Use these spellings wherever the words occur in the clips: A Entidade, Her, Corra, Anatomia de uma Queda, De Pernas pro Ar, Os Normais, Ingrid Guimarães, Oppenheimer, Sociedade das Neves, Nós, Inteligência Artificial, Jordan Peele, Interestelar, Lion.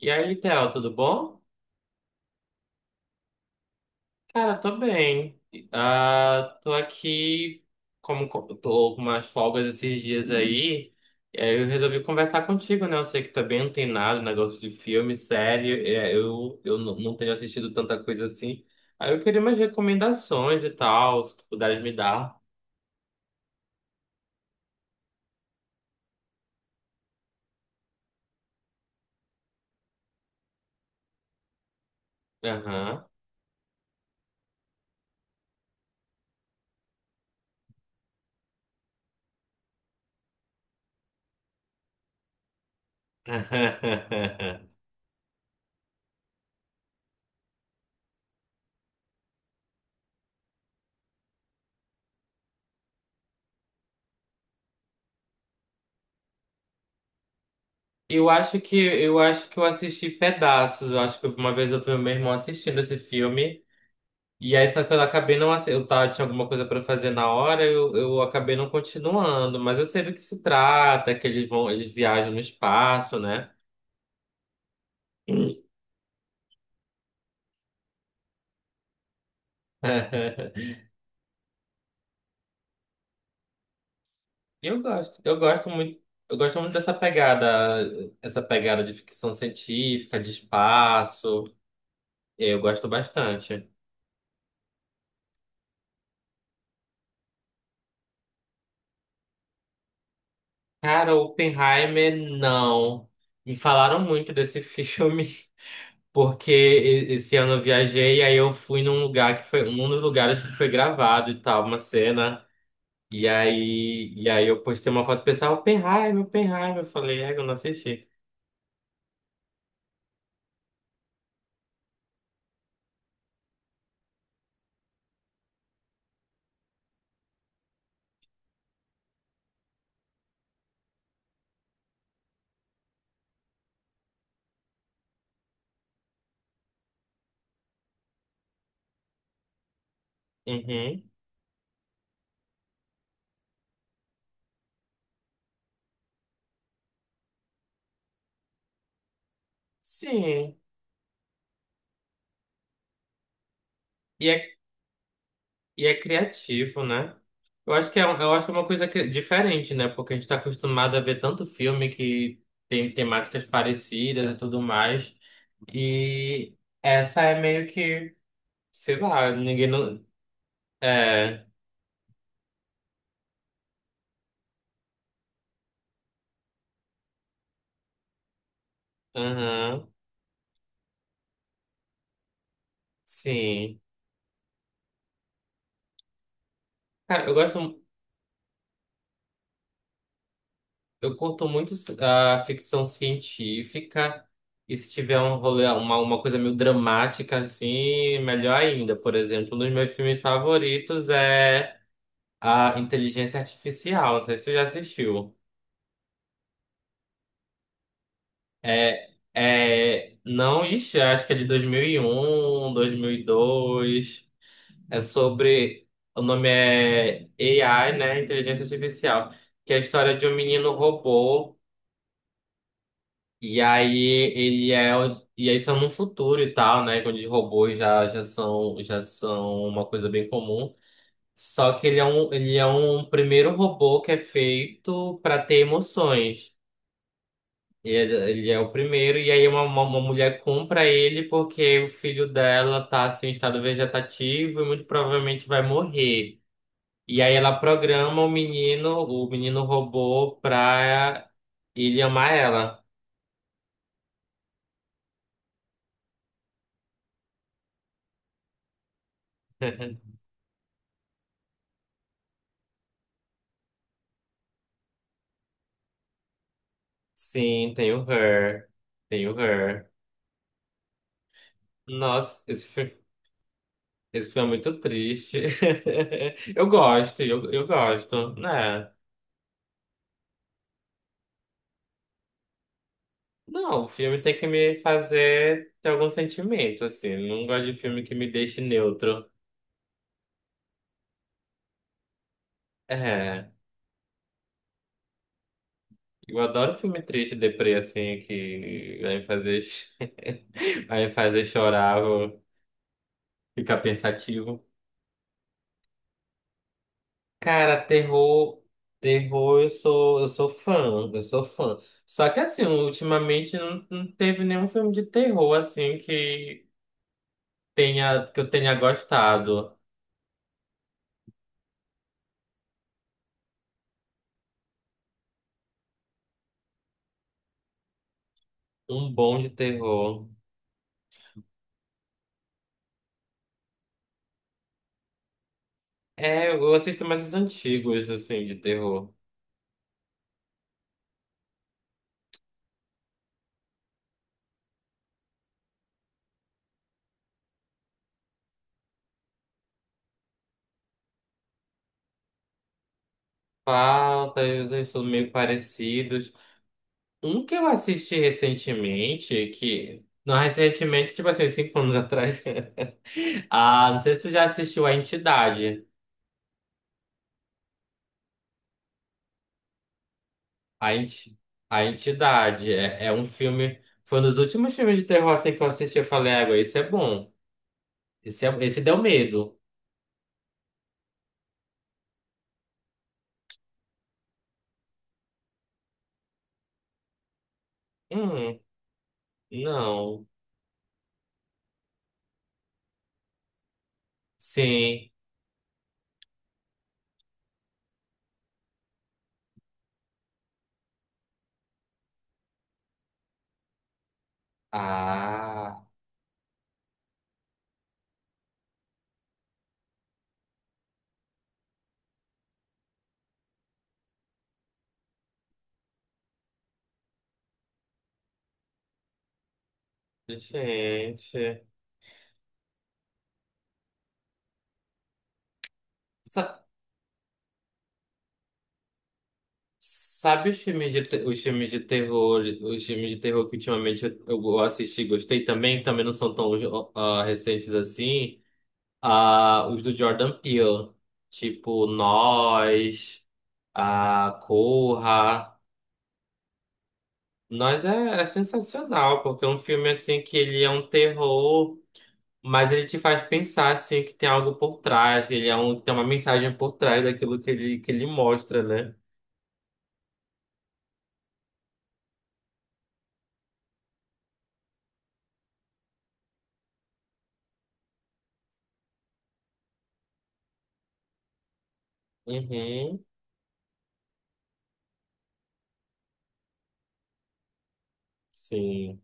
E aí, Theo, tudo bom? Cara, tô bem. Ah, tô aqui, tô com umas folgas esses dias aí, e aí eu resolvi conversar contigo, né? Eu sei que tá bem antenado, negócio de filme, série, não tenho assistido tanta coisa assim. Aí eu queria umas recomendações e tal, se tu puderes me dar. Aham. Eu acho que eu assisti pedaços. Eu acho que uma vez eu vi o meu irmão assistindo esse filme. E aí, só que eu acabei não ace- eu tava, tinha alguma coisa pra fazer na hora, eu acabei não continuando, mas eu sei do que se trata, que eles vão, eles viajam no espaço, né? Eu gosto, eu gosto muito, eu gosto muito dessa pegada, essa pegada de ficção científica, de espaço. Eu gosto bastante. Cara, Oppenheimer, não. Me falaram muito desse filme. Porque esse ano eu viajei e aí eu fui num lugar que foi um dos lugares que foi gravado e tal, uma cena. E aí eu postei uma foto do pessoal, Oppenheimer. Eu falei, é, eu não assisti. Uhum. Sim. E é, e é criativo, né? Eu acho que é, eu acho que é uma coisa diferente, né? Porque a gente está acostumado a ver tanto filme que tem temáticas parecidas e tudo mais. E essa é meio que, sei lá, ninguém não. É. Aham. Sim. Cara, eu gosto, eu curto muito a ficção científica. E se tiver um rolê, uma coisa meio dramática assim, melhor ainda. Por exemplo, um dos meus filmes favoritos é a Inteligência Artificial. Não sei se você já assistiu. Não, ixi, acho que é de dois mil e um dois mil e dois. É sobre, o nome é AI, né? Inteligência Artificial. Que é a história de um menino robô. E aí E aí isso é num futuro e tal, né? Onde robôs já são uma coisa bem comum. Só que ele é um primeiro robô que é feito para ter emoções. E ele, ele é o primeiro, e aí uma mulher compra ele porque o filho dela tá assim, em estado vegetativo e muito provavelmente vai morrer. E aí ela programa o menino robô pra ele amar ela. Sim, tem o Her. Tem o Her. Nossa, esse filme é muito triste. Eu gosto, eu gosto, né? Não, o filme tem que me fazer ter algum sentimento, assim. Eu não gosto de filme que me deixe neutro. É, eu adoro filme triste, deprê, assim, que vai me fazer, vai me fazer chorar, vou ficar pensativo. Cara, terror, terror, eu sou fã, eu sou fã. Só que assim, ultimamente não, não teve nenhum filme de terror assim que que eu tenha gostado. Um bom de terror. É, eu assisto mais os antigos, assim, de terror. Falta, eles são meio parecidos. Um que eu assisti recentemente, que. Não, recentemente, tipo assim, cinco anos atrás. Ah, não sei se tu já assistiu A Entidade. A, Enti- a Entidade é, é um filme. Foi um dos últimos filmes de terror assim, que eu assisti. Eu falei, água, esse é bom. Esse, é, esse deu medo. Hum, não. Sim. Ah, gente. Sa- sabe os filmes de, os filmes de terror, os filmes de terror que ultimamente eu assisti e gostei também, que também não são tão ah, recentes assim. Ah, os do Jordan Peele. Tipo, Nós, a Corra. Nós é, é sensacional, porque é um filme assim que ele é um terror, mas ele te faz pensar assim que tem algo por trás, que ele é um, tem uma mensagem por trás daquilo que ele mostra, né? Uhum, sim.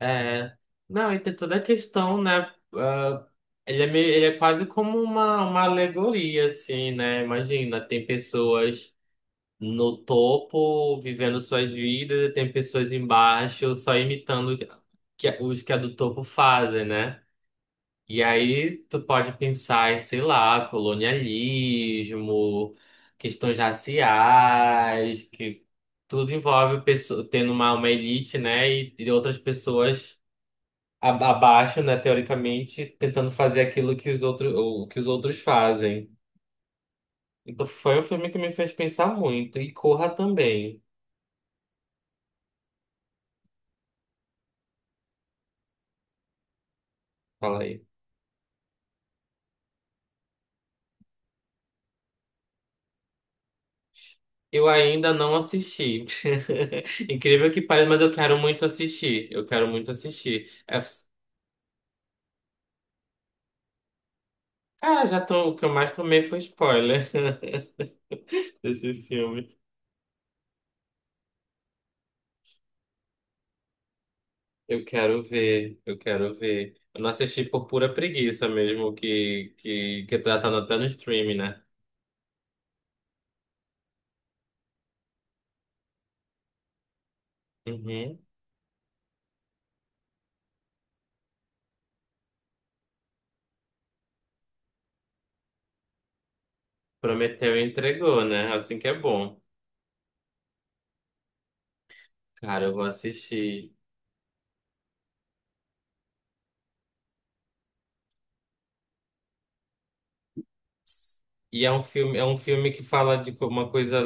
É. Não, e tem toda a questão, né? Ah, ele é meio, ele é quase como uma alegoria, assim, né? Imagina, tem pessoas no topo vivendo suas vidas e tem pessoas embaixo só imitando o que, que os que a do topo fazem, né? E aí tu pode pensar em, sei lá, colonialismo, questões raciais, que tudo envolve pessoa, tendo uma elite, né, e outras pessoas abaixo, né, teoricamente, tentando fazer aquilo que os outros, o que os outros fazem. Então foi um filme que me fez pensar muito. E Corra também, fala aí. Eu ainda não assisti. Incrível que pareça, mas eu quero muito assistir. Eu quero muito assistir. É. Cara, já tô, o que eu mais tomei foi spoiler desse filme. Eu quero ver, eu quero ver. Eu não assisti por pura preguiça mesmo, que, que já tá até no streaming, né? Uhum. Prometeu e entregou, né? Assim que é bom. Cara, eu vou assistir. E é um filme que fala de uma coisa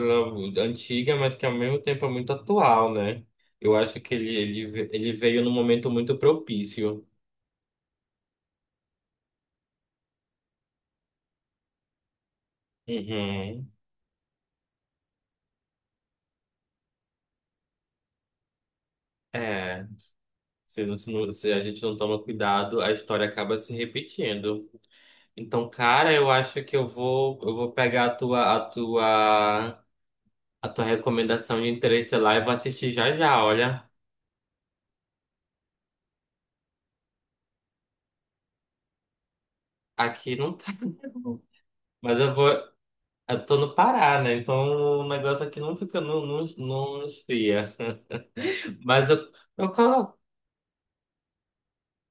antiga, mas que ao mesmo tempo é muito atual, né? Eu acho que ele veio num momento muito propício. Uhum. É. Se a gente não toma cuidado, a história acaba se repetindo. Então, cara, eu acho que eu vou pegar a tua recomendação de Interestelar e vou assistir já já. Olha, aqui não tá. Mas eu vou. Eu tô no Pará, né? Então o negócio aqui não fica, não esfria. Mas eu, eu coloco.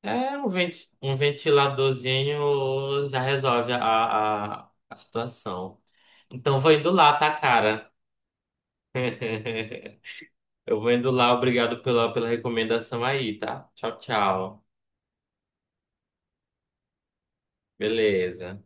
É um ventiladorzinho já resolve a situação. Então vou indo lá, tá, cara? Eu vou indo lá, obrigado pela, pela recomendação aí, tá? Tchau, tchau. Beleza.